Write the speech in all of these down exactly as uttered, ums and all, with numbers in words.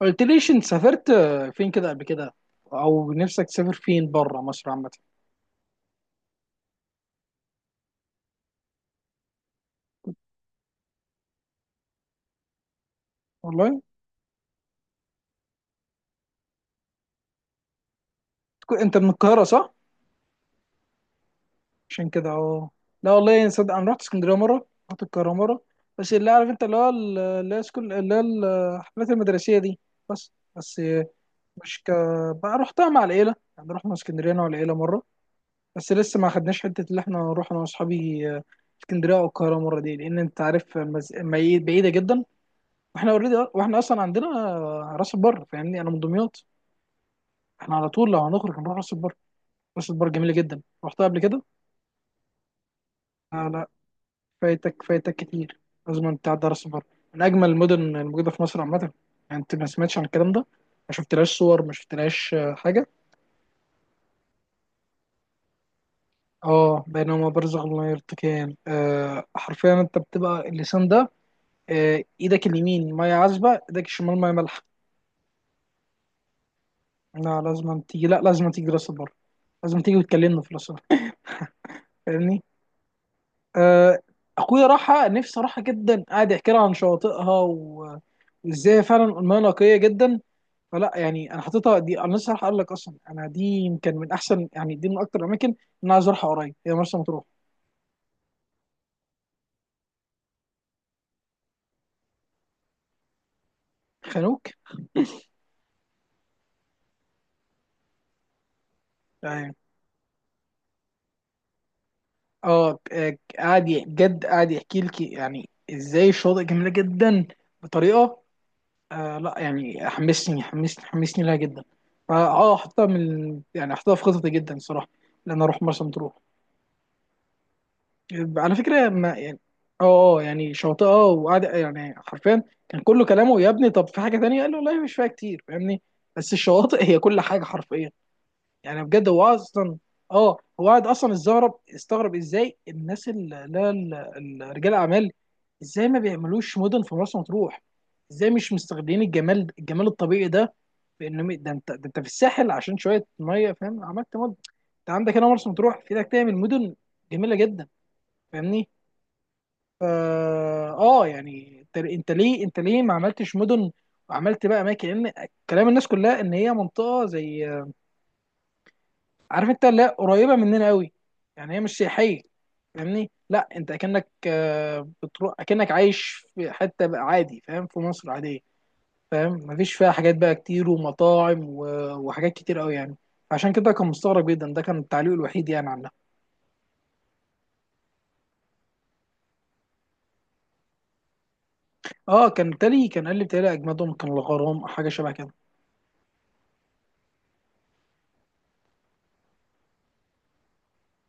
قلت ليش انت سافرت فين كده قبل كده، او نفسك تسافر فين بره مصر عامه؟ والله. تكون- انت من القاهره صح؟ عشان كده، اه. لا والله صدق انا رحت اسكندريه مره، رحت القاهره مره. بس اللي عارف انت، اللي هو ال- اللي هي سكول، اللي هي الحفلات المدرسيه دي. بس بس. مش ك بقى رحتها مع العيله، يعني رحنا اسكندريه انا والعيله مره. بس لسه ما خدناش حته اللي احنا نروح انا واصحابي اسكندريه او القاهره مره دي، لان انت عارف المز... بعيده جدا. واحنا اوريدي، واحنا اصلا عندنا راس البر، فاهمني؟ انا من دمياط. احنا على طول لو هنخرج هنروح راس البر. راس البر جميله جدا، رحتها قبل كده. آه، لا. فايتك فايتك كتير. لازم انت تعدي على راس البر، من اجمل المدن الموجوده في مصر عامه. يعني انت ما سمعتش عن الكلام ده؟ ما شفتلهاش صور، ما شفتلهاش آه، حاجه؟ اه، بينما برزخ لا يرتقيان، آه حرفيا انت بتبقى اللسان ده. آه ايدك اليمين ميه عذبه، ايدك الشمال ميه مالحه. لا لازم تيجي، لا لازم تيجي راس البر. لازم تيجي وتكلمنا في راس البر. فاهمني؟ آه، اخويا راحة، نفسي راحة جدا. قاعد يحكي لها عن شواطئها و- وازاي فعلا المياه نقية جدا. فلا يعني انا حاططها دي، انا لسه راح اقول لك اصلا. انا دي يمكن من احسن، يعني دي من اكتر الاماكن اللي انا عايز اروحها قريب، هي مرسى مطروح. خانوك. يعني اه آه، قاعد ي- جد قاعد يحكي لك يعني ازاي الشواطئ جميلة جدا بطريقة. آه لا يعني حمسني حمسني حمسني لها جدا. فاه حاططها من يعني حاططها في خططي جدا الصراحة، ان انا اروح مرسى مطروح. على فكره ما يعني اه آه، يعني شاطئه. وقعد يعني حرفيا كان كله كلامه يا ابني. طب في حاجه تانية قال له والله مش فيها كتير، فاهمني؟ بس الشواطئ هي كل حاجه حرفيا. يعني بجد هو اصلا اه هو قاعد اصلا استغرب استغرب ازاي الناس اللي لا ال- ال- رجال اعمال، ازاي ما بيعملوش مدن في مرسى مطروح. ازاي مش مستغلين الجمال الجمال الطبيعي ده. بانه ده انت ده انت في الساحل عشان شويه ميه، فاهم؟ عملت مدن. انت عندك هنا مرسى مطروح في ايدك، تعمل مدن جميله جدا. فاهمني؟ اه آه، يعني انت انت ليه انت ليه ما عملتش مدن، وعملت بقى اماكن؟ لان كلام الناس كلها ان هي منطقه زي، عارف انت؟ لا قريبه مننا قوي، يعني هي مش سياحيه. فاهمني؟ لا انت اكنك، آه، بتروح اكنك عايش في حته بقى عادي. فاهم؟ في مصر عاديه. فاهم؟ مفيش فيها حاجات بقى كتير ومطاعم و- وحاجات كتير قوي يعني. عشان كده كان مستغرب جدا. ده كان التعليق الوحيد يعني عنها. اه كان تالي كان قال لي بتهيألي اجمدهم كان الغرام أو حاجه شبه كده.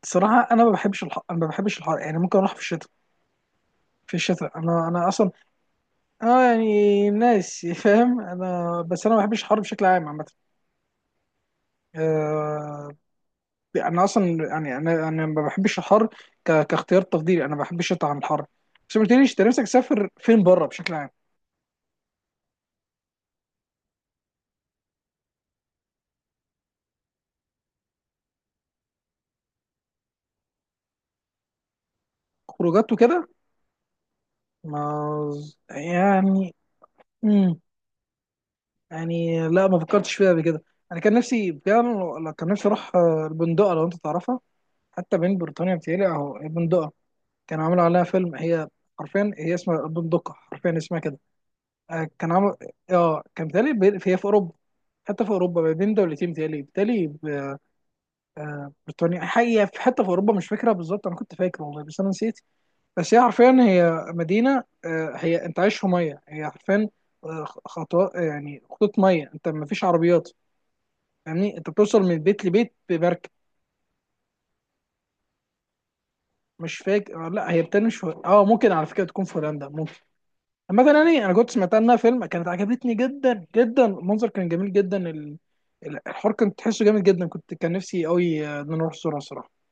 صراحة أنا ما بحبش الحر، أنا ما بحبش الحر، يعني ممكن أروح في الشتاء. في الشتاء، أنا أنا أصلا أنا يعني ناس فاهم؟ أنا بس أنا ما بحبش الحر بشكل عام، عامة. آه، أنا أصلا يعني، أنا أنا ما بحبش الحر ك- كاختيار تفضيلي. أنا بحب الشتاء عن الحر. بس ما قلتليش، أنت نفسك تسافر فين بره بشكل عام؟ خروجات وكده؟ ما يعني. مم. يعني لا ما فكرتش فيها قبل كده. أنا كان نفسي، كان كان نفسي أروح، آه، البندقة لو أنت تعرفها. حتى بين بريطانيا بتهيألي أهو البندقة. كانوا عملوا عليها فيلم هي، حرفيا هي اسمها البندقة، حرفيا اسمها كده. آه، كان عمل. اه كان بيتهيألي هي في اوروبا. حتى في اوروبا ما بين دولتين بيتهيألي بيتهيألي ب- آه، بريطانيا. حقيقة في حتة في اوروبا مش فاكرة بالظبط، انا كنت فاكر والله بس انا نسيت. بس هي حرفيا هي مدينة، آه، هي انت عايش في مية، هي حرفيا آه، خطوة، يعني خطوط مية، انت ما فيش عربيات. يعني انت بتوصل من بيت لبيت بمركب. مش فاكر آه، لا هي بتنش. اه ممكن على فكرة تكون في هولندا، ممكن. مثلا يعني انا كنت سمعتها انها فيلم، كانت عجبتني جدا جدا. المنظر كان جميل جدا، ال- ال- الحوار كان تحسه جامد جدا. كنت كان نفسي قوي، آه، ان أنا اروح صورة صراحه.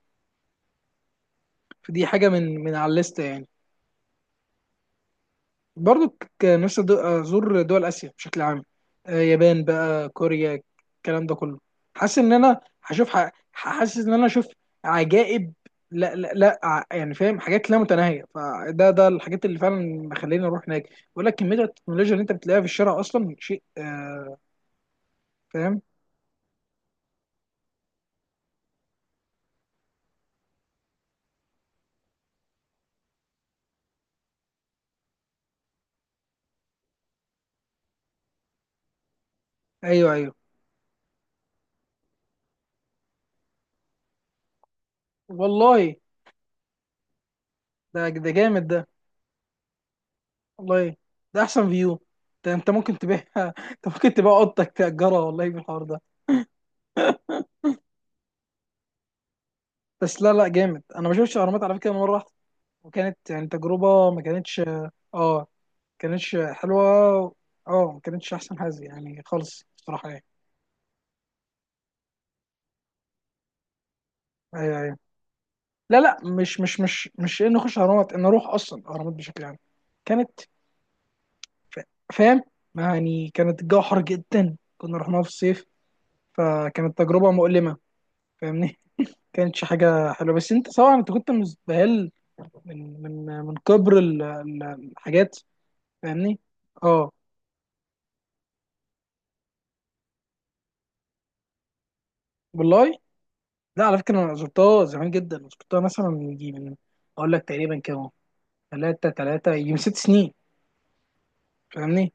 فدي حاجه من من على الليسته يعني. برضو كان نفسي أدو- آه، ازور دول اسيا بشكل عام، آه، يابان بقى، كوريا، الكلام ده كله. حاسس ان انا هشوف، ح- حاسس ان انا اشوف عجائب. لا لا لا، ع- يعني فاهم حاجات لا متناهيه. فده ده الحاجات اللي فعلا مخليني اروح هناك. بقول لك كميه التكنولوجيا اللي انت بتلاقيها في الشارع اصلا شيء آه، فاهم؟ ايوه، ايوه. والله، ده ده جامد ده. والله ده احسن فيو. ده انت ممكن تبيع انت ممكن تبيع اوضتك، تأجرها والله بالحوار ده. بس لا لا جامد. انا ما شفتش اهرامات على فكره، مره واحده. وكانت يعني تجربه ما كانتش، اه ما كانتش حلوه. اه ما كانتش احسن حاجه يعني خالص بصراحه يعني. ايوه ايوه. لا لا، مش مش مش مش انه اخش اهرامات، ان اروح اصلا اهرامات بشكل عام. كانت، ف- فاهم؟ يعني كانت الجو حر جدا، كنا رحناها في الصيف. فكانت تجربه مؤلمه، فاهمني؟ كانتش حاجه حلوه. بس انت طبعا انت كنت مستهل من من من كبر ال- ال- الحاجات. فاهمني؟ اه والله. لا على فكره، انا زرتها زمان جدا. زرتها مثلا من يجي من، اقول لك تقريبا كانوا، ثلاثة ثلاثة يجي من ست سنين. فاهمني؟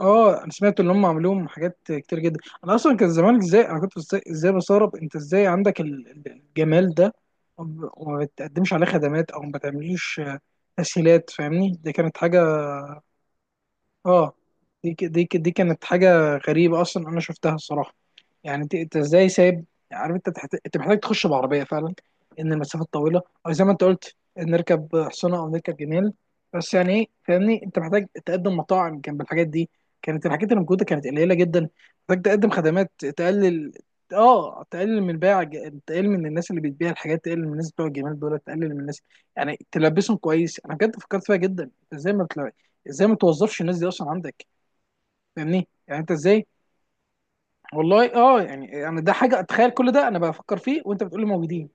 اه انا سمعت ان هم عملوهم حاجات كتير جدا. انا اصلا كان زمان، ازاي انا كنت ازاي, إزاي بستغرب انت ازاي عندك ال- ال- الجمال ده، وما بتقدمش عليه خدمات او ما بتعمليش آه، تسهيلات. فاهمني؟ دي كانت حاجه. اه دي ك- دي ك- دي كانت حاجه غريبه اصلا انا شفتها الصراحه. يعني انت انت ازاي سايب؟ عارف انت تحت... انت محتاج تخش بعربيه فعلا، ان المسافه طويله. او زي ما انت قلت نركب حصانه او نركب جمال. بس يعني ايه، فاهمني؟ انت محتاج تقدم مطاعم جنب الحاجات دي. كانت الحاجات اللي موجوده كانت قليله جدا. محتاج تقدم خدمات تقلل، اه تقلل من بيع ج- تقلل من الناس اللي بتبيع الحاجات، تقلل من الناس بتوع الجمال دول، تقلل من الناس يعني، تلبسهم كويس. انا بجد فكرت فيها جدا. انت ازاي ما ازاي ما توظفش الناس دي اصلا عندك؟ فاهمني؟ يعني انت ازاي؟ والله، اه. يعني انا ده حاجه اتخيل، كل ده انا بفكر فيه وانت بتقول لي موجودين.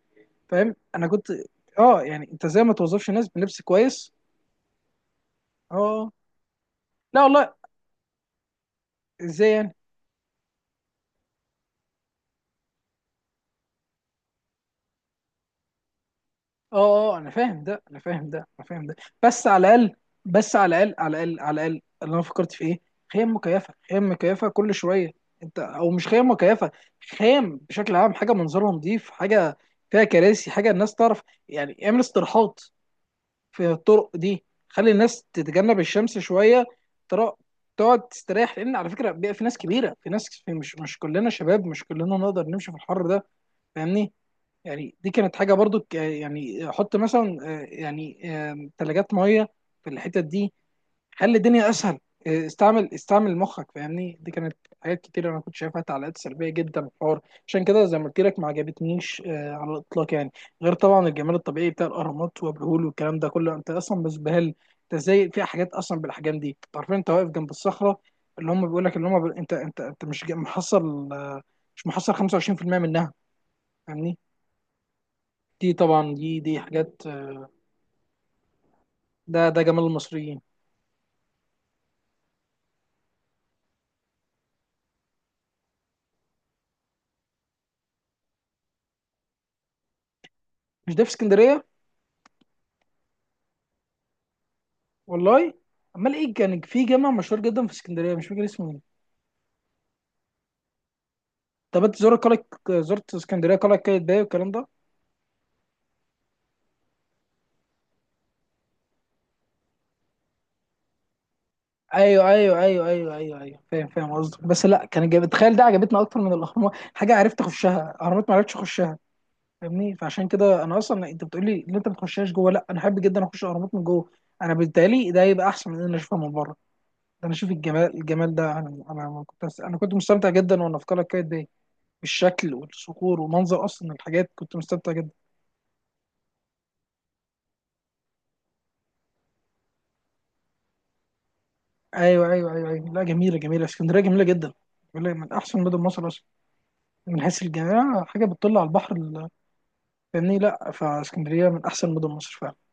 فاهم؟ انا كنت، اه يعني انت ازاي ما توظفش الناس بنفس كويس؟ اه لا والله. ازاي يعني؟ اه اه، آه، انا فاهم ده، انا فاهم ده، انا فاهم ده. بس على الاقل، بس على الاقل، على الاقل، على الاقل اللي انا فكرت في ايه، خيام مكيفه، خيام مكيفه كل شويه. انت، او مش خيام مكيفه، خيام بشكل عام. حاجه منظرها نظيف، حاجه فيها كراسي، حاجه الناس تعرف. يعني اعمل استراحات في الطرق دي، خلي الناس تتجنب الشمس شويه. ترا- تقعد تستريح، لان على فكره بيبقى في ناس كبيره، في ناس في، مش مش كلنا شباب، مش كلنا نقدر نمشي في الحر ده، فاهمني؟ يعني دي كانت حاجه برضو ك- يعني حط مثلا، آه، يعني ثلاجات ميه في الحتت دي، خلي الدنيا اسهل. إيه، استعمل استعمل مخك، فاهمني؟ دي كانت حاجات كتير انا كنت شايفها تعليقات سلبيه جدا في الحوار. عشان كده زي ما قلت لك ما عجبتنيش آه، على الاطلاق يعني. غير طبعا الجمال الطبيعي بتاع الاهرامات وابو الهول والكلام ده كله، انت اصلا مزبهل. انت ازاي في حاجات اصلا بالاحجام دي؟ انت عارفين، انت واقف جنب الصخره اللي هم بيقول لك اللي هم ب... انت انت انت مش جا- محصل آه، مش محصل خمسة وعشرين في المية منها، فاهمني؟ دي طبعا دي دي حاجات آه، ده ده جمال المصريين. مش ده في اسكندريه؟ والله. امال ايه كان في جامع مشهور جدا في اسكندريه مش فاكر اسمه ايه. طب انت زرت قلعه؟ زرت اسكندريه قلعه قايتباي والكلام ده؟ ايوه ايوه ايوه ايوه ايوه ايوه. فاهم فاهم قصدك. بس لا كان جاب تخيل ده، عجبتنا اكتر من الاهرامات. حاجه عرفت اخشها، اهرامات ما عرفتش اخشها، فاهمني؟ فعشان كده انا اصلا انت بتقول لي ان انت ما تخشهاش جوه، لا انا احب جدا اخش الاهرامات من جوه. انا بالتالي ده يبقى احسن من ان انا اشوفها من بره ده. انا اشوف الجمال، الجمال ده، انا انا كنت انا كنت مستمتع جدا وانا في قلعه قايتباي، بالشكل والصخور ومنظر اصلا الحاجات. كنت مستمتع جدا. ايوه ايوه ايوه ايوه. لا جميله جميله، اسكندريه جميله جدا. بيقول لك من احسن مدن مصر اصلا، من حيث الجميع حاجه بتطل على البحر ال- فاهمني؟ لا فاسكندريه من احسن مدن مصر فعلا.